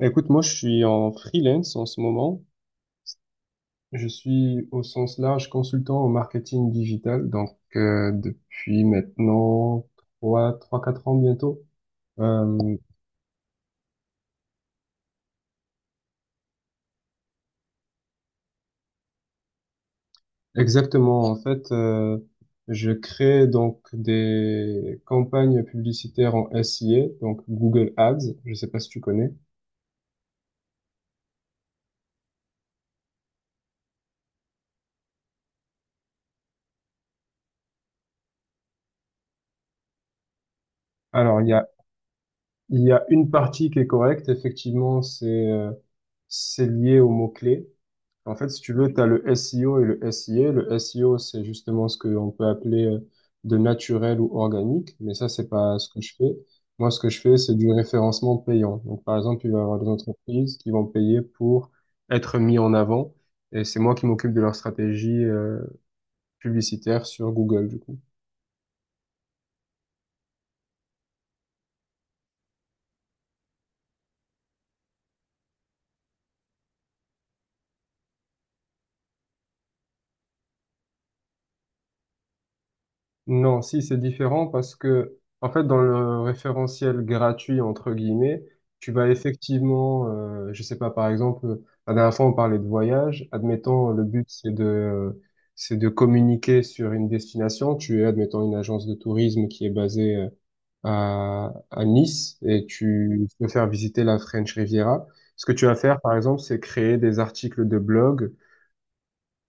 Écoute, moi, je suis en freelance en ce moment. Je suis au sens large consultant au marketing digital, donc depuis maintenant trois, trois, quatre ans bientôt. Euh, Exactement, en fait, je crée donc des campagnes publicitaires en SIA, donc Google Ads. Je sais pas si tu connais. Alors, il y a une partie qui est correcte. Effectivement, c'est lié aux mots-clés. En fait, si tu veux, tu as le SEO et le SIA. Le SEO, c'est justement ce qu'on peut appeler de naturel ou organique, mais ça, c'est pas ce que je fais. Moi, ce que je fais, c'est du référencement payant. Donc, par exemple, il va y avoir des entreprises qui vont payer pour être mis en avant, et c'est moi qui m'occupe de leur stratégie publicitaire sur Google, du coup. Non, si c'est différent parce que en fait dans le référentiel gratuit entre guillemets, tu vas effectivement, je sais pas par exemple, la dernière fois on parlait de voyage. Admettons le but c'est de communiquer sur une destination. Tu es admettons une agence de tourisme qui est basée à Nice et tu veux faire visiter la French Riviera. Ce que tu vas faire, par exemple, c'est créer des articles de blog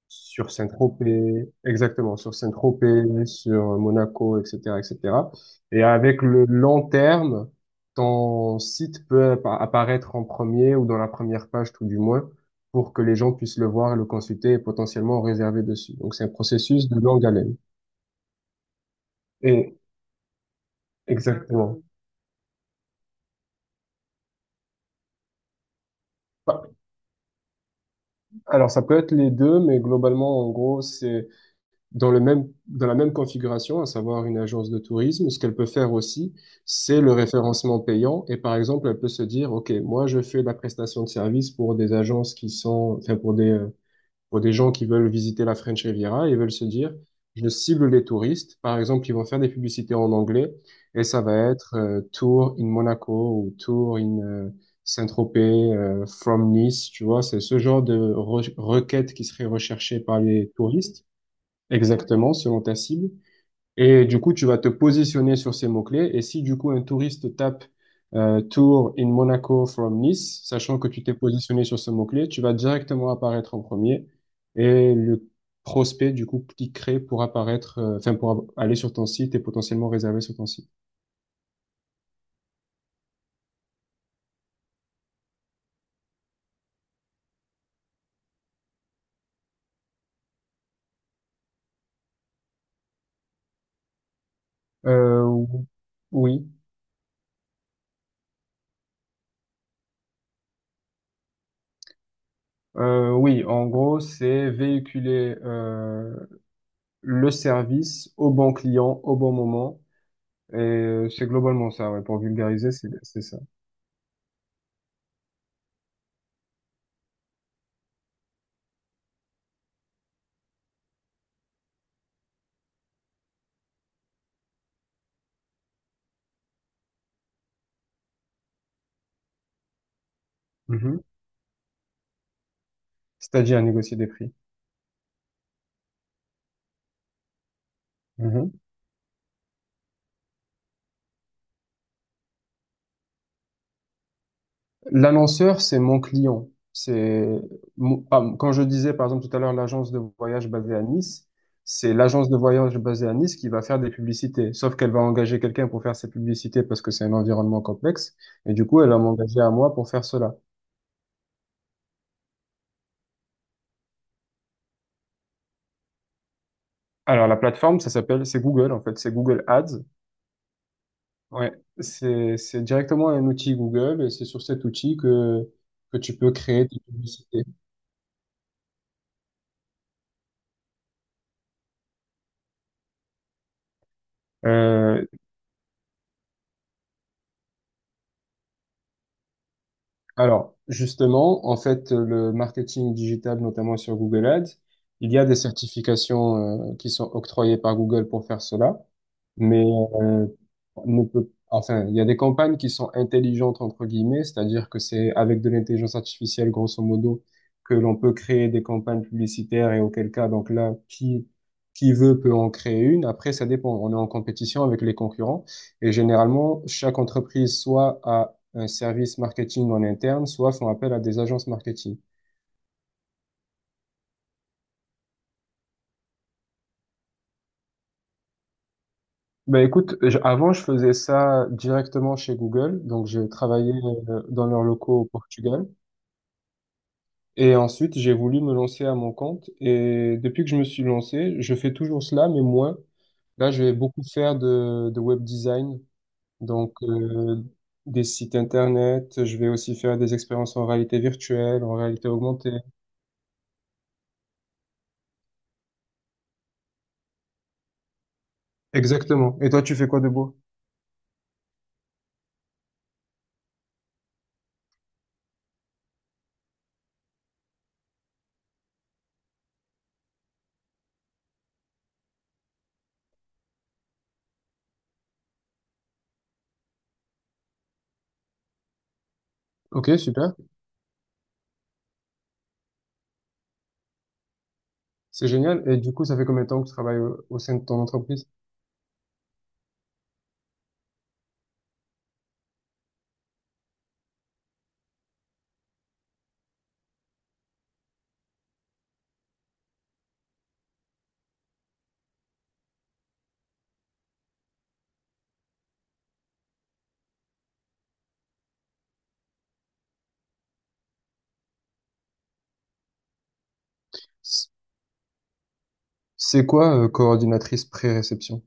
sur Saint-Tropez, exactement, sur Saint-Tropez, sur Monaco, etc., etc. Et cetera. Et avec le long terme, ton site peut apparaître en premier ou dans la première page, tout du moins, pour que les gens puissent le voir, le consulter et potentiellement réserver dessus. Donc, c'est un processus de longue haleine. Et exactement. Bah, alors, ça peut être les deux, mais globalement, en gros, c'est dans la même configuration, à savoir une agence de tourisme, ce qu'elle peut faire aussi, c'est le référencement payant. Et par exemple, elle peut se dire, OK, moi, je fais de la prestation de service pour des agences qui sont, enfin, pour des gens qui veulent visiter la French Riviera et veulent se dire, je cible les touristes. Par exemple, ils vont faire des publicités en anglais et ça va être Tour in Monaco ou Tour in Saint-Tropez, from Nice, tu vois, c'est ce genre de requête qui serait recherchée par les touristes. Exactement, selon ta cible. Et du coup, tu vas te positionner sur ces mots-clés. Et si du coup, un touriste tape Tour in Monaco from Nice, sachant que tu t'es positionné sur ce mot-clé, tu vas directement apparaître en premier. Et le prospect, du coup, cliquerait pour apparaître, enfin, pour aller sur ton site et potentiellement réserver sur ton site. Euh, oui. Oui, en gros, c'est véhiculer le service au bon client, au bon moment. Et c'est globalement ça, ouais. Pour vulgariser, c'est ça. Mhm. C'est-à-dire négocier des prix. Mhm. L'annonceur, c'est mon client. Ah, quand je disais par exemple tout à l'heure l'agence de voyage basée à Nice, c'est l'agence de voyage basée à Nice qui va faire des publicités. Sauf qu'elle va engager quelqu'un pour faire ses publicités parce que c'est un environnement complexe. Et du coup, elle va m'engager à moi pour faire cela. Alors la plateforme, ça s'appelle, c'est Google en fait, c'est Google Ads. Ouais, c'est directement un outil Google et c'est sur cet outil que tu peux créer tes publicités. Euh, Alors, justement, en fait, le marketing digital, notamment sur Google Ads, il y a des certifications qui sont octroyées par Google pour faire cela, mais on ne peut, enfin, il y a des campagnes qui sont intelligentes entre guillemets, c'est-à-dire que c'est avec de l'intelligence artificielle, grosso modo, que l'on peut créer des campagnes publicitaires et auquel cas, donc là, qui veut peut en créer une. Après, ça dépend. On est en compétition avec les concurrents et généralement, chaque entreprise soit a un service marketing en interne, soit font appel à des agences marketing. Ben écoute, avant je faisais ça directement chez Google, donc j'ai travaillé dans leurs locaux au Portugal et ensuite j'ai voulu me lancer à mon compte et depuis que je me suis lancé, je fais toujours cela mais moins. Là, je vais beaucoup faire de web design, donc des sites internet, je vais aussi faire des expériences en réalité virtuelle, en réalité augmentée. Exactement. Et toi, tu fais quoi de beau? Ok, super. C'est génial. Et du coup, ça fait combien de temps que tu travailles au sein de ton entreprise? C- C'est quoi, coordinatrice pré-réception?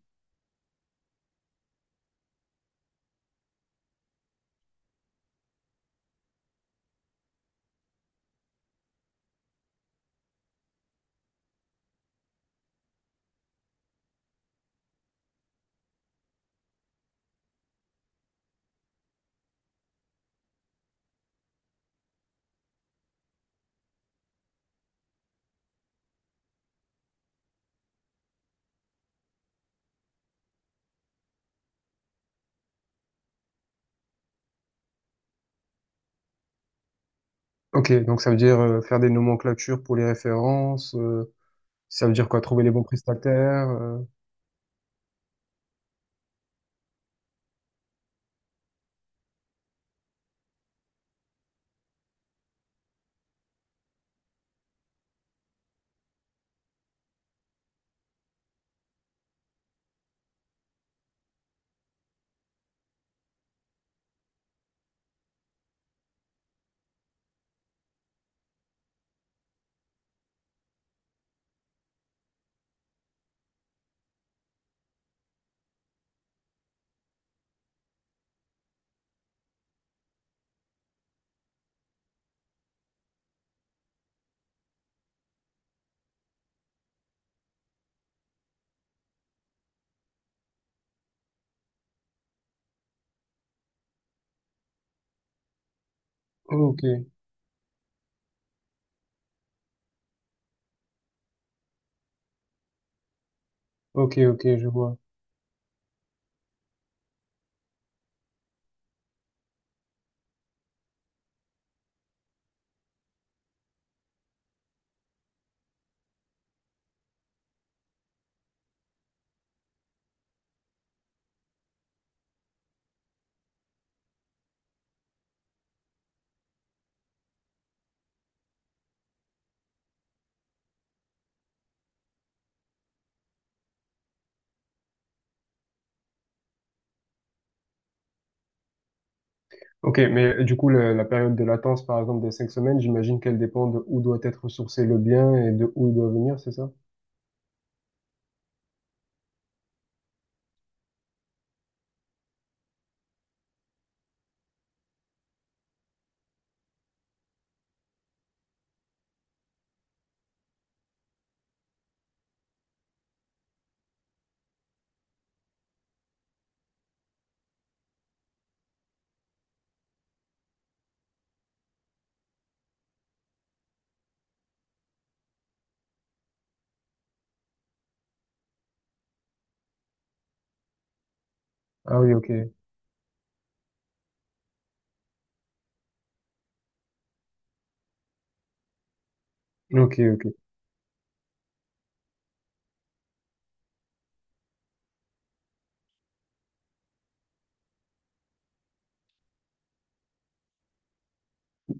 Ok, donc ça veut dire faire des nomenclatures pour les références, ça veut dire quoi, trouver les bons prestataires. Ok, ok, ok, je vois. Ok, mais du coup, la période de latence, par exemple, des 5 semaines, j'imagine qu'elle dépend de où doit être sourcé le bien et de où il doit venir, c'est ça? Ah oui, ok, ok, ok.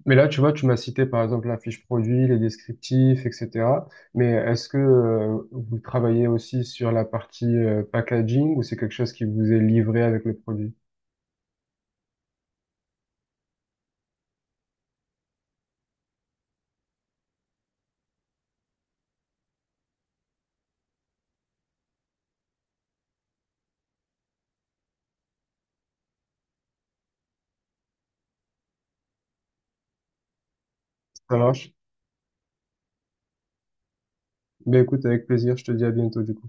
Mais là, tu vois, tu m'as cité par exemple la fiche produit, les descriptifs, etc. Mais est-ce que vous travaillez aussi sur la partie packaging ou c'est quelque chose qui vous est livré avec le produit? Ça marche? Ben écoute, avec plaisir, je te dis à bientôt du coup.